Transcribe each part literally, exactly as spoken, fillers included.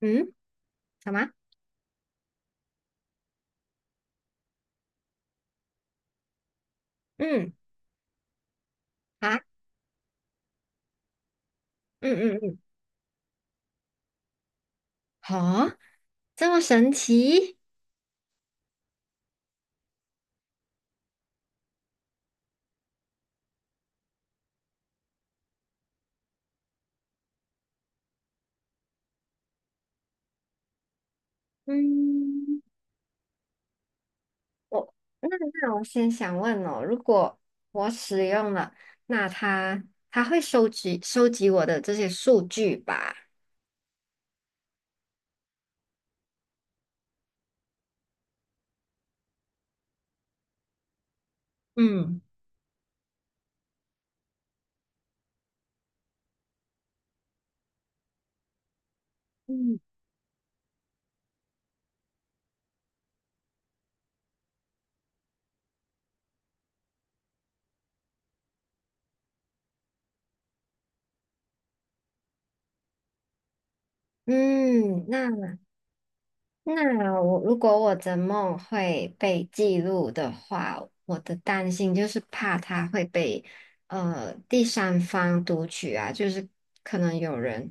嗯，什么？嗯，啊，嗯嗯嗯，好，这么神奇？嗯，我那那我先想问哦，如果我使用了，那它它会收集收集我的这些数据吧？嗯，嗯嗯，那那我如果我的梦会被记录的话，我的担心就是怕它会被呃第三方读取啊，就是可能有人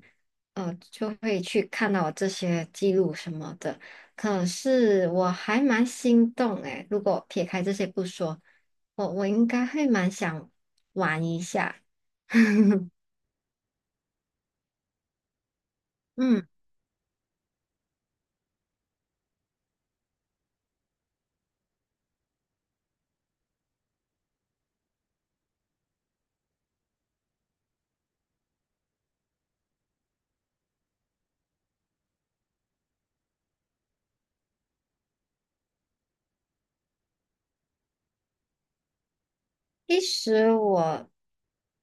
呃就会去看到我这些记录什么的。可是我还蛮心动诶，如果撇开这些不说，我我应该会蛮想玩一下。嗯。其实我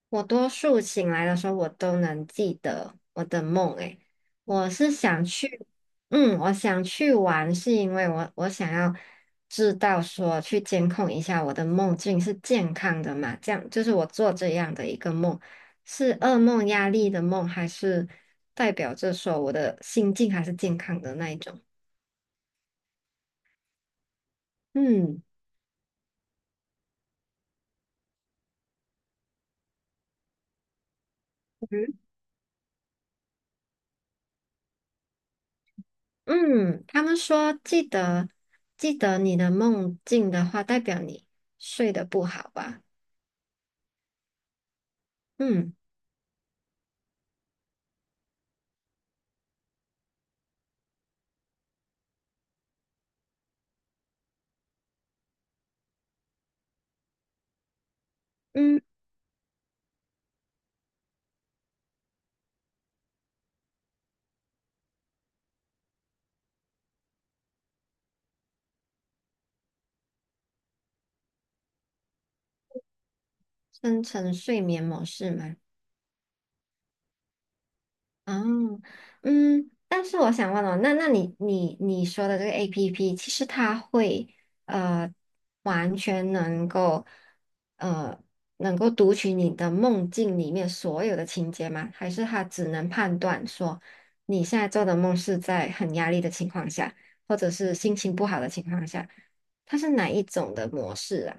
我多数醒来的时候，我都能记得我的梦。诶，我是想去，嗯，我想去玩，是因为我我想要知道说去监控一下我的梦境是健康的嘛？这样就是我做这样的一个梦，是噩梦、压力的梦，还是代表着说我的心境还是健康的那一种？嗯。嗯，他们说记得记得你的梦境的话，代表你睡得不好吧？嗯嗯，生成睡眠模式吗？嗯嗯，但是我想问哦，那那你你你说的这个 A P P，其实它会呃完全能够呃能够读取你的梦境里面所有的情节吗？还是它只能判断说你现在做的梦是在很压力的情况下，或者是心情不好的情况下，它是哪一种的模式啊？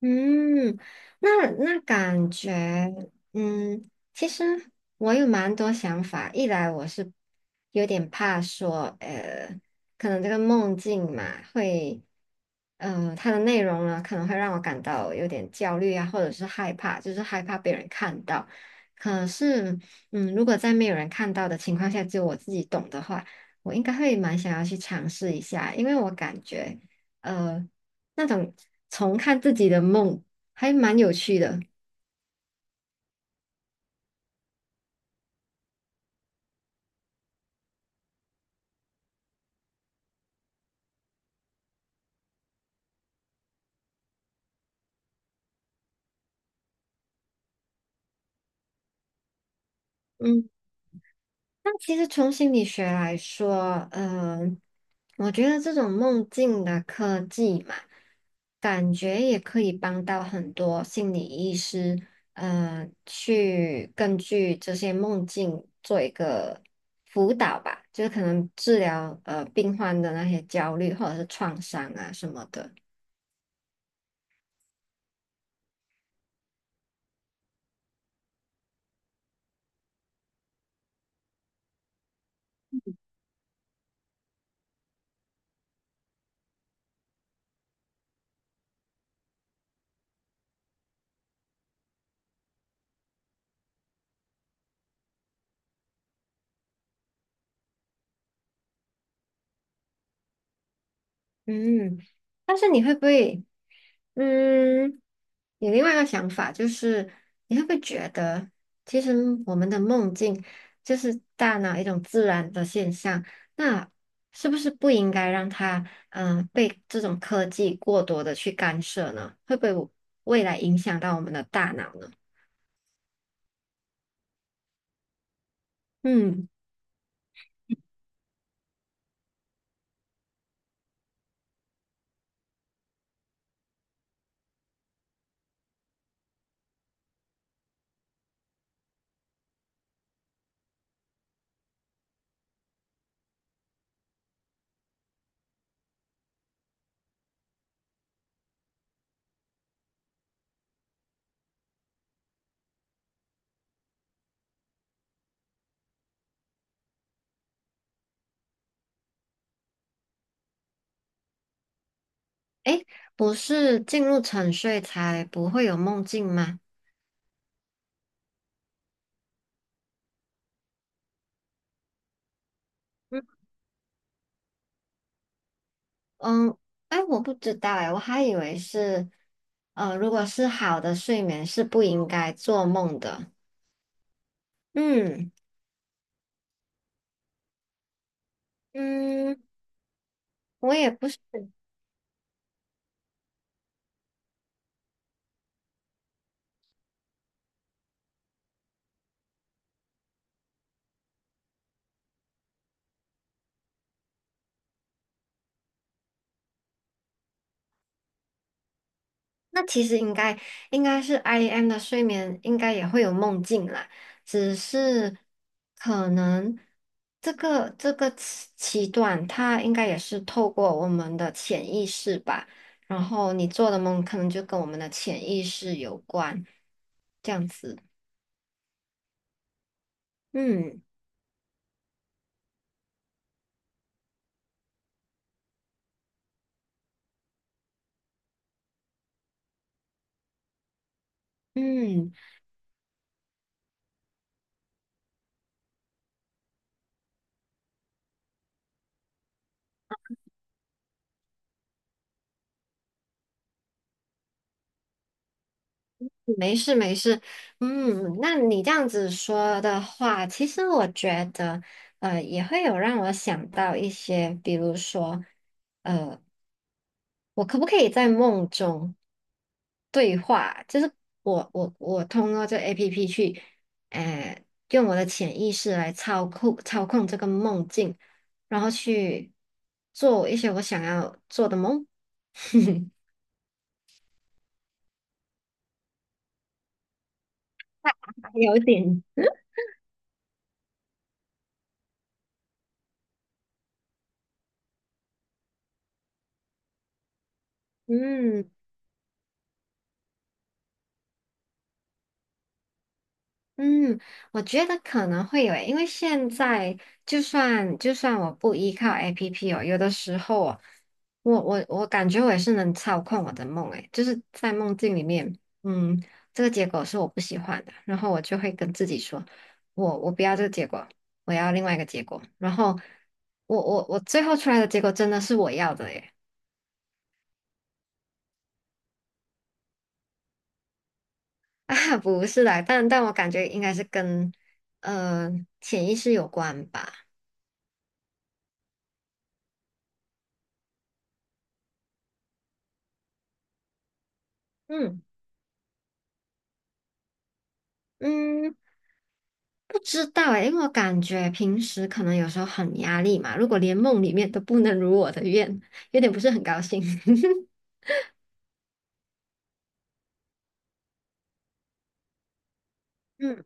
嗯，那那感觉，嗯，其实我有蛮多想法。一来我是有点怕说，呃，可能这个梦境嘛，会，呃，它的内容呢，可能会让我感到有点焦虑啊，或者是害怕，就是害怕被人看到。可是，嗯，如果在没有人看到的情况下，只有我自己懂的话，我应该会蛮想要去尝试一下，因为我感觉。呃。那种重看自己的梦，还蛮有趣的。嗯，那其实从心理学来说，嗯、我觉得这种梦境的科技嘛，感觉也可以帮到很多心理医师，呃，去根据这些梦境做一个辅导吧，就是可能治疗呃病患的那些焦虑或者是创伤啊什么的。嗯，但是你会不会？嗯，有另外一个想法就是，你会不会觉得，其实我们的梦境就是大脑一种自然的现象，那是不是不应该让它，嗯、被这种科技过多的去干涉呢？会不会未来影响到我们的大脑呢？嗯，诶，不是进入沉睡才不会有梦境吗？嗯。嗯，哎，我不知道哎，我还以为是，呃，如果是好的睡眠是不应该做梦的。嗯嗯，我也不是。那其实应该应该是 I M 的睡眠应该也会有梦境啦，只是可能这个这个期期段它应该也是透过我们的潜意识吧，然后你做的梦可能就跟我们的潜意识有关，这样子。嗯。嗯，没事没事，嗯，那你这样子说的话，其实我觉得，呃，也会有让我想到一些，比如说，呃，我可不可以在梦中对话？就是我我我通过这 A P P 去，呃，用我的潜意识来操控操控这个梦境，然后去做一些我想要做的梦。还有点。嗯。嗯，我觉得可能会有诶，因为现在就算就算我不依靠 A P P 哦，有的时候哦，我我我感觉我也是能操控我的梦诶，就是在梦境里面，嗯，这个结果是我不喜欢的，然后我就会跟自己说，我我不要这个结果，我要另外一个结果，然后我我我最后出来的结果真的是我要的耶。啊，不是啦，但但我感觉应该是跟呃潜意识有关吧，嗯。嗯，不知道诶，因为我感觉平时可能有时候很压力嘛，如果连梦里面都不能如我的愿，有点不是很高兴。嗯。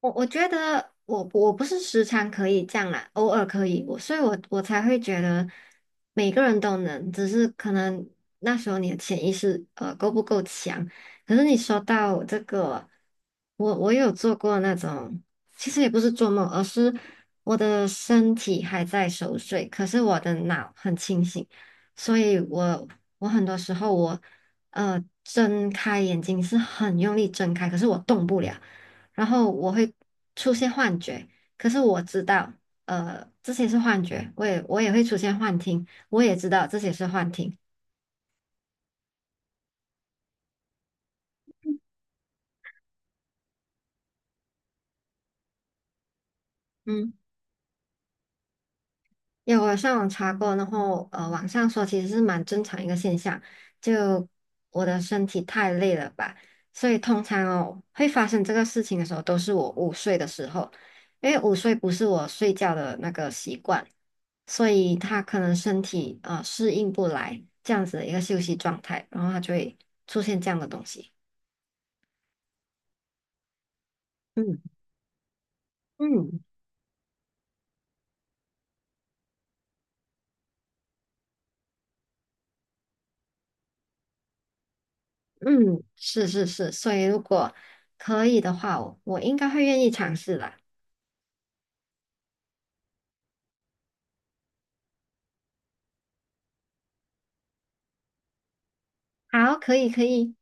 我我觉得我我不是时常可以这样啦，偶尔可以，我所以我我才会觉得每个人都能，只是可能那时候你的潜意识呃够不够强。可是你说到这个，我我有做过那种，其实也不是做梦，而是我的身体还在熟睡，可是我的脑很清醒，所以我我很多时候我呃睁开眼睛是很用力睁开，可是我动不了。然后我会出现幻觉，可是我知道，呃，这些是幻觉，我也我也会出现幻听，我也知道这些是幻听。嗯。有，我上网查过，然后呃，网上说其实是蛮正常一个现象，就我的身体太累了吧，所以通常哦会发生这个事情的时候，都是我午睡的时候，因为午睡不是我睡觉的那个习惯，所以他可能身体呃适应不来这样子的一个休息状态，然后他就会出现这样的东西。嗯嗯嗯，是是是，所以如果可以的话，我我应该会愿意尝试的。好，可以可以。